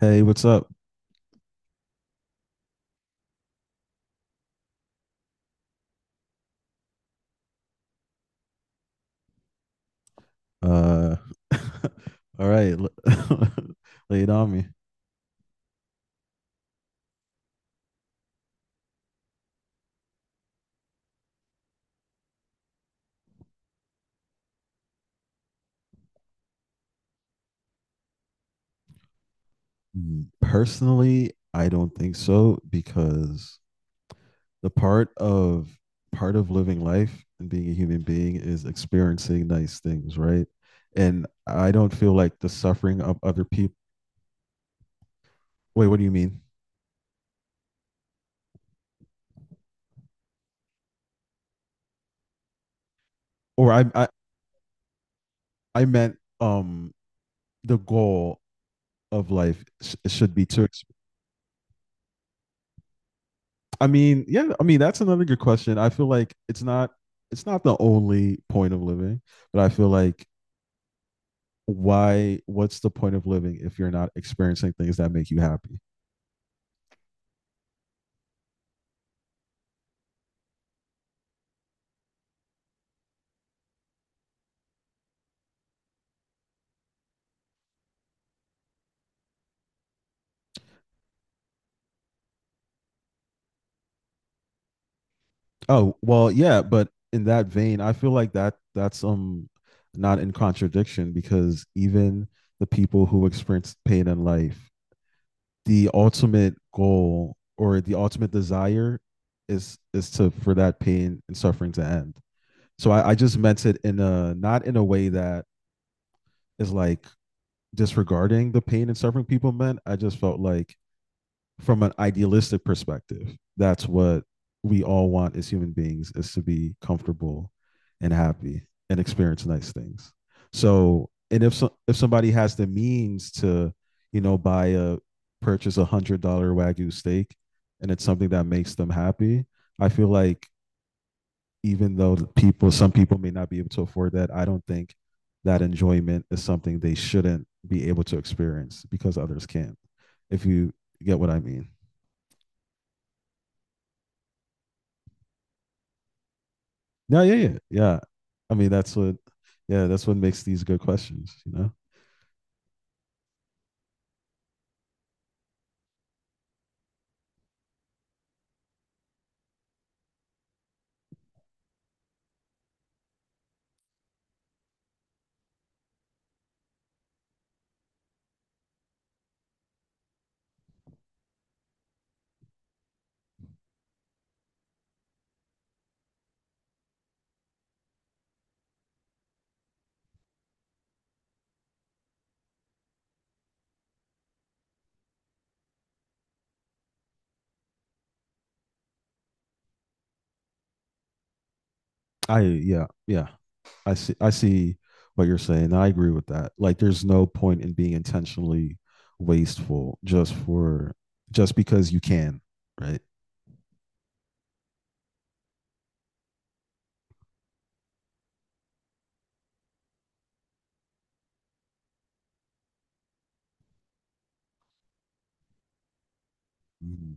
Hey, what's up? Uh, all right, lay it on me. Mm, personally, I don't think so because the part of living life and being a human being is experiencing nice things, right? And I don't feel like the suffering of other people. Wait, what do you mean? Or I I, I meant the goal of life should be to yeah, I mean that's another good question. I feel like it's not the only point of living, but I feel like why what's the point of living if you're not experiencing things that make you happy? Oh, well, yeah, but in that vein, I feel like that's not in contradiction because even the people who experience pain in life, the ultimate goal or the ultimate desire is to for that pain and suffering to end. So I just meant it in a not in a way that is like disregarding the pain and suffering people meant. I just felt like from an idealistic perspective, that's what we all want as human beings is to be comfortable and happy and experience nice things. So and if so, if somebody has the means to, you know, buy a purchase a $100 wagyu steak and it's something that makes them happy, I feel like even though some people may not be able to afford that, I don't think that enjoyment is something they shouldn't be able to experience because others can't. If you get what I mean. Yeah, yeah, yeah, yeah. I mean, yeah, that's what makes these good questions. Yeah, yeah. I see. I see what you're saying. I agree with that. Like, there's no point in being intentionally wasteful just because you can, right? Mhm.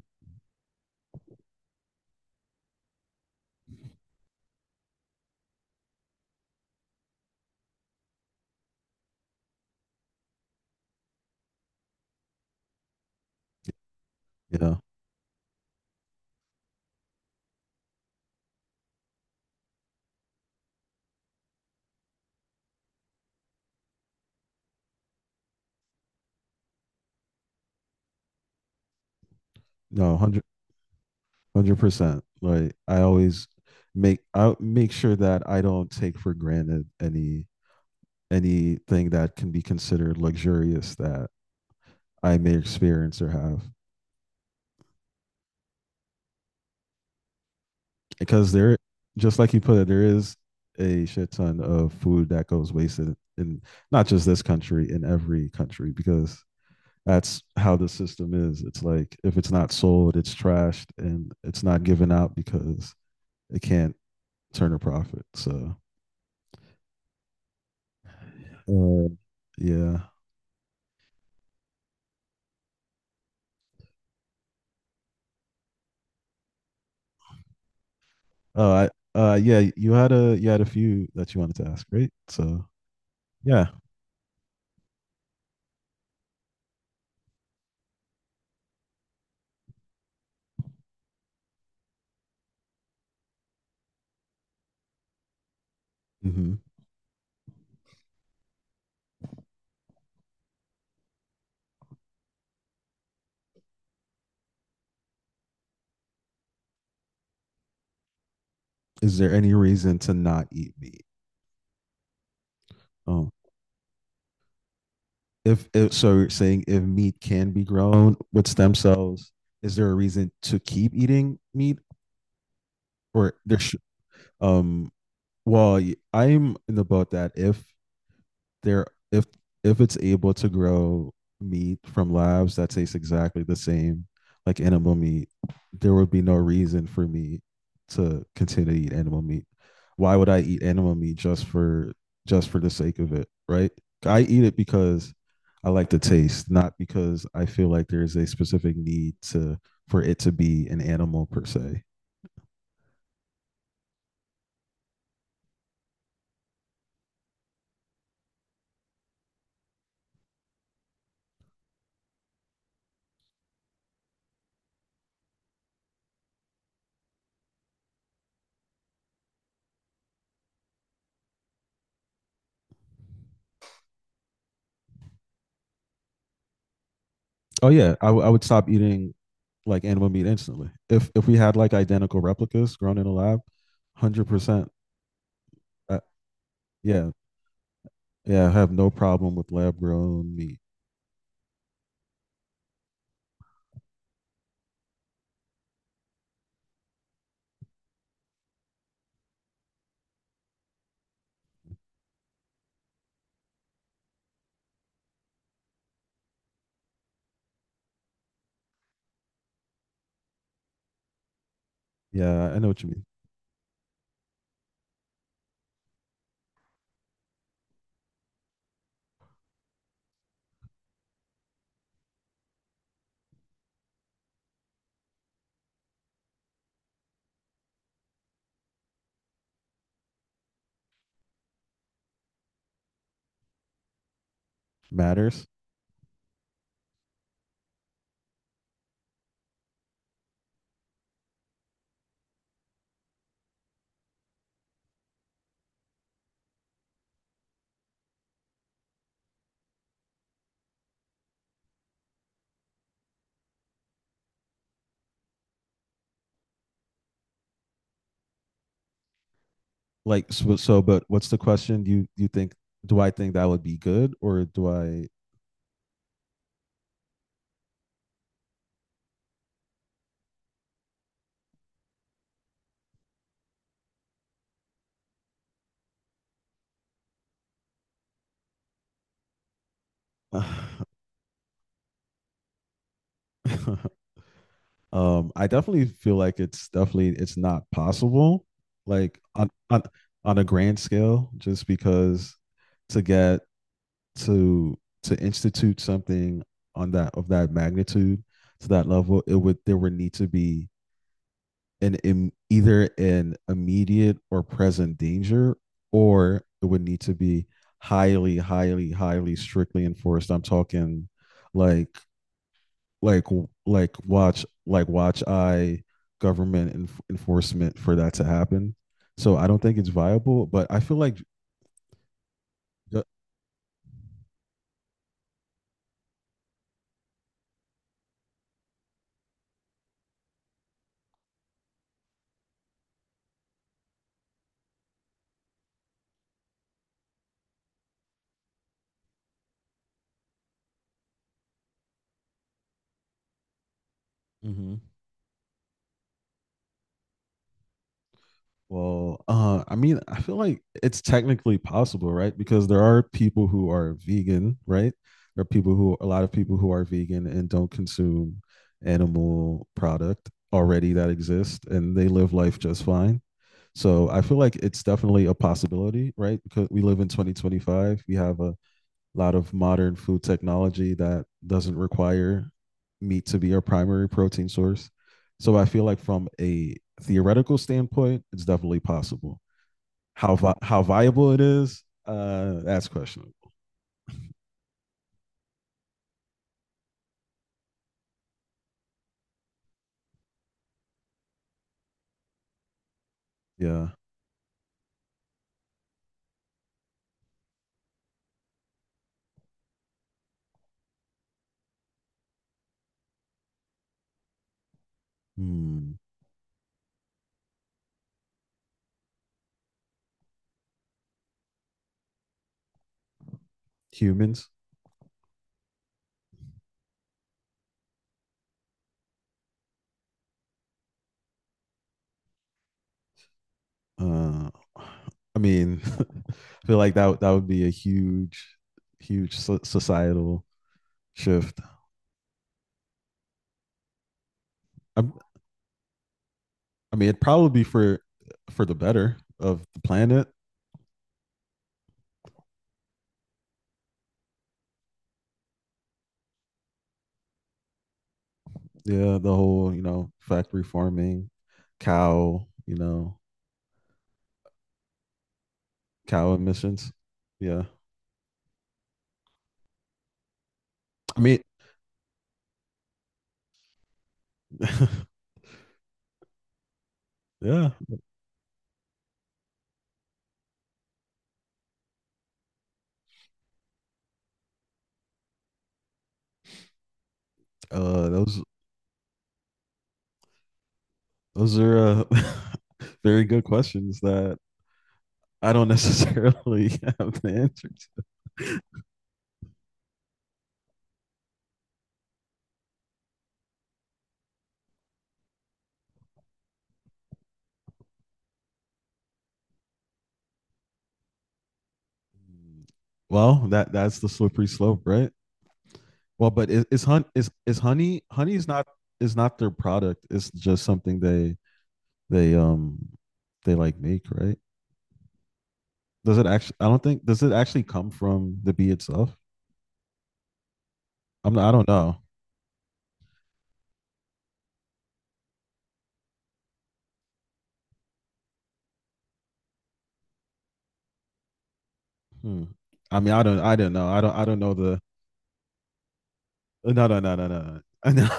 Yeah. No, 100%. Like, I always make I make sure that I don't take for granted anything that can be considered luxurious that I may experience or have. Because just like you put it, there is a shit ton of food that goes wasted in not just this country, in every country, because that's how the system is. It's like if it's not sold, it's trashed and it's not given out because it can't turn a profit. So, uh, yeah. Uh, yeah. You had a few that you wanted to ask, right? So, yeah. hmm Is there any reason to not eat meat? Oh, if so you're saying if meat can be grown with stem cells, is there a reason to keep eating meat or there should um well, I'm in the boat that if there if if it's able to grow meat from labs that tastes exactly the same like animal meat, there would be no reason for me to continue to eat animal meat. Why would I eat animal meat just for the sake of it, right? I eat it because I like the taste, not because I feel like there's a specific need to for it to be an animal per se. Oh yeah, I would stop eating like animal meat instantly. If we had like identical replicas grown in a lab, 100%. uh, Yeah, yeah, I have no problem with lab grown meat. Yeah, I know what you mean. Matters But what's the question? You think do I think that would be good or do I? I definitely feel like it's not possible. Like on on on a grand scale, just because to get to to institute something on that of that magnitude to that level, it would there would need to be either an immediate or present danger, or it would need to be highly, highly, highly strictly enforced. I'm talking like like like watch eye government enforcement for that to happen. So I don't think it's viable, but I feel like mm-hmm. Well, I mean, I feel like it's technically possible, right? Because there are people who are vegan, right? There are people who, a lot of people who are vegan and don't consume animal product already that exist, and they live life just fine. So I feel like it's definitely a possibility, right? Because we live in 2025, we have a lot of modern food technology that doesn't require meat to be our primary protein source. So I feel like from a theoretical standpoint, it's definitely possible. How viable it is, that's questionable. Yeah. Hmm. Humans. Uh, I mean, I feel like that would be a huge, huge societal shift. I, I mean, it'd probably be for the better of the planet. Yeah, the whole, you know, factory farming, cow, you know, cow emissions. Yeah. I mean, yeah. Those are very good questions that I don't necessarily have the answer to. Mm, well, that's the slippery slope, right? Well, but is honey honey is not their product. It's just something they um they like make, right? Does it actually? I don't think does it actually come from the bee itself. I don't know. Hmm. I mean, I don't know. I don't know the. No, no, no, no, no, no. No.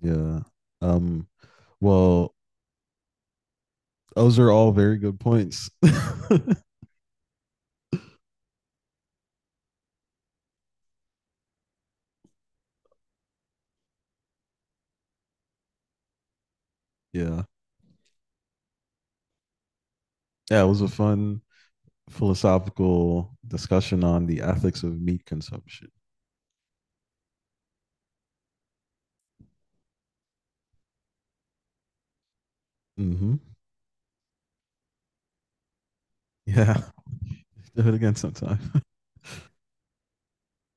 Yeah. Um. Well, those are all very good points. Yeah. Yeah. It was a fun philosophical discussion on the ethics of meat consumption. Mm-hmm. Yeah, do it again sometime.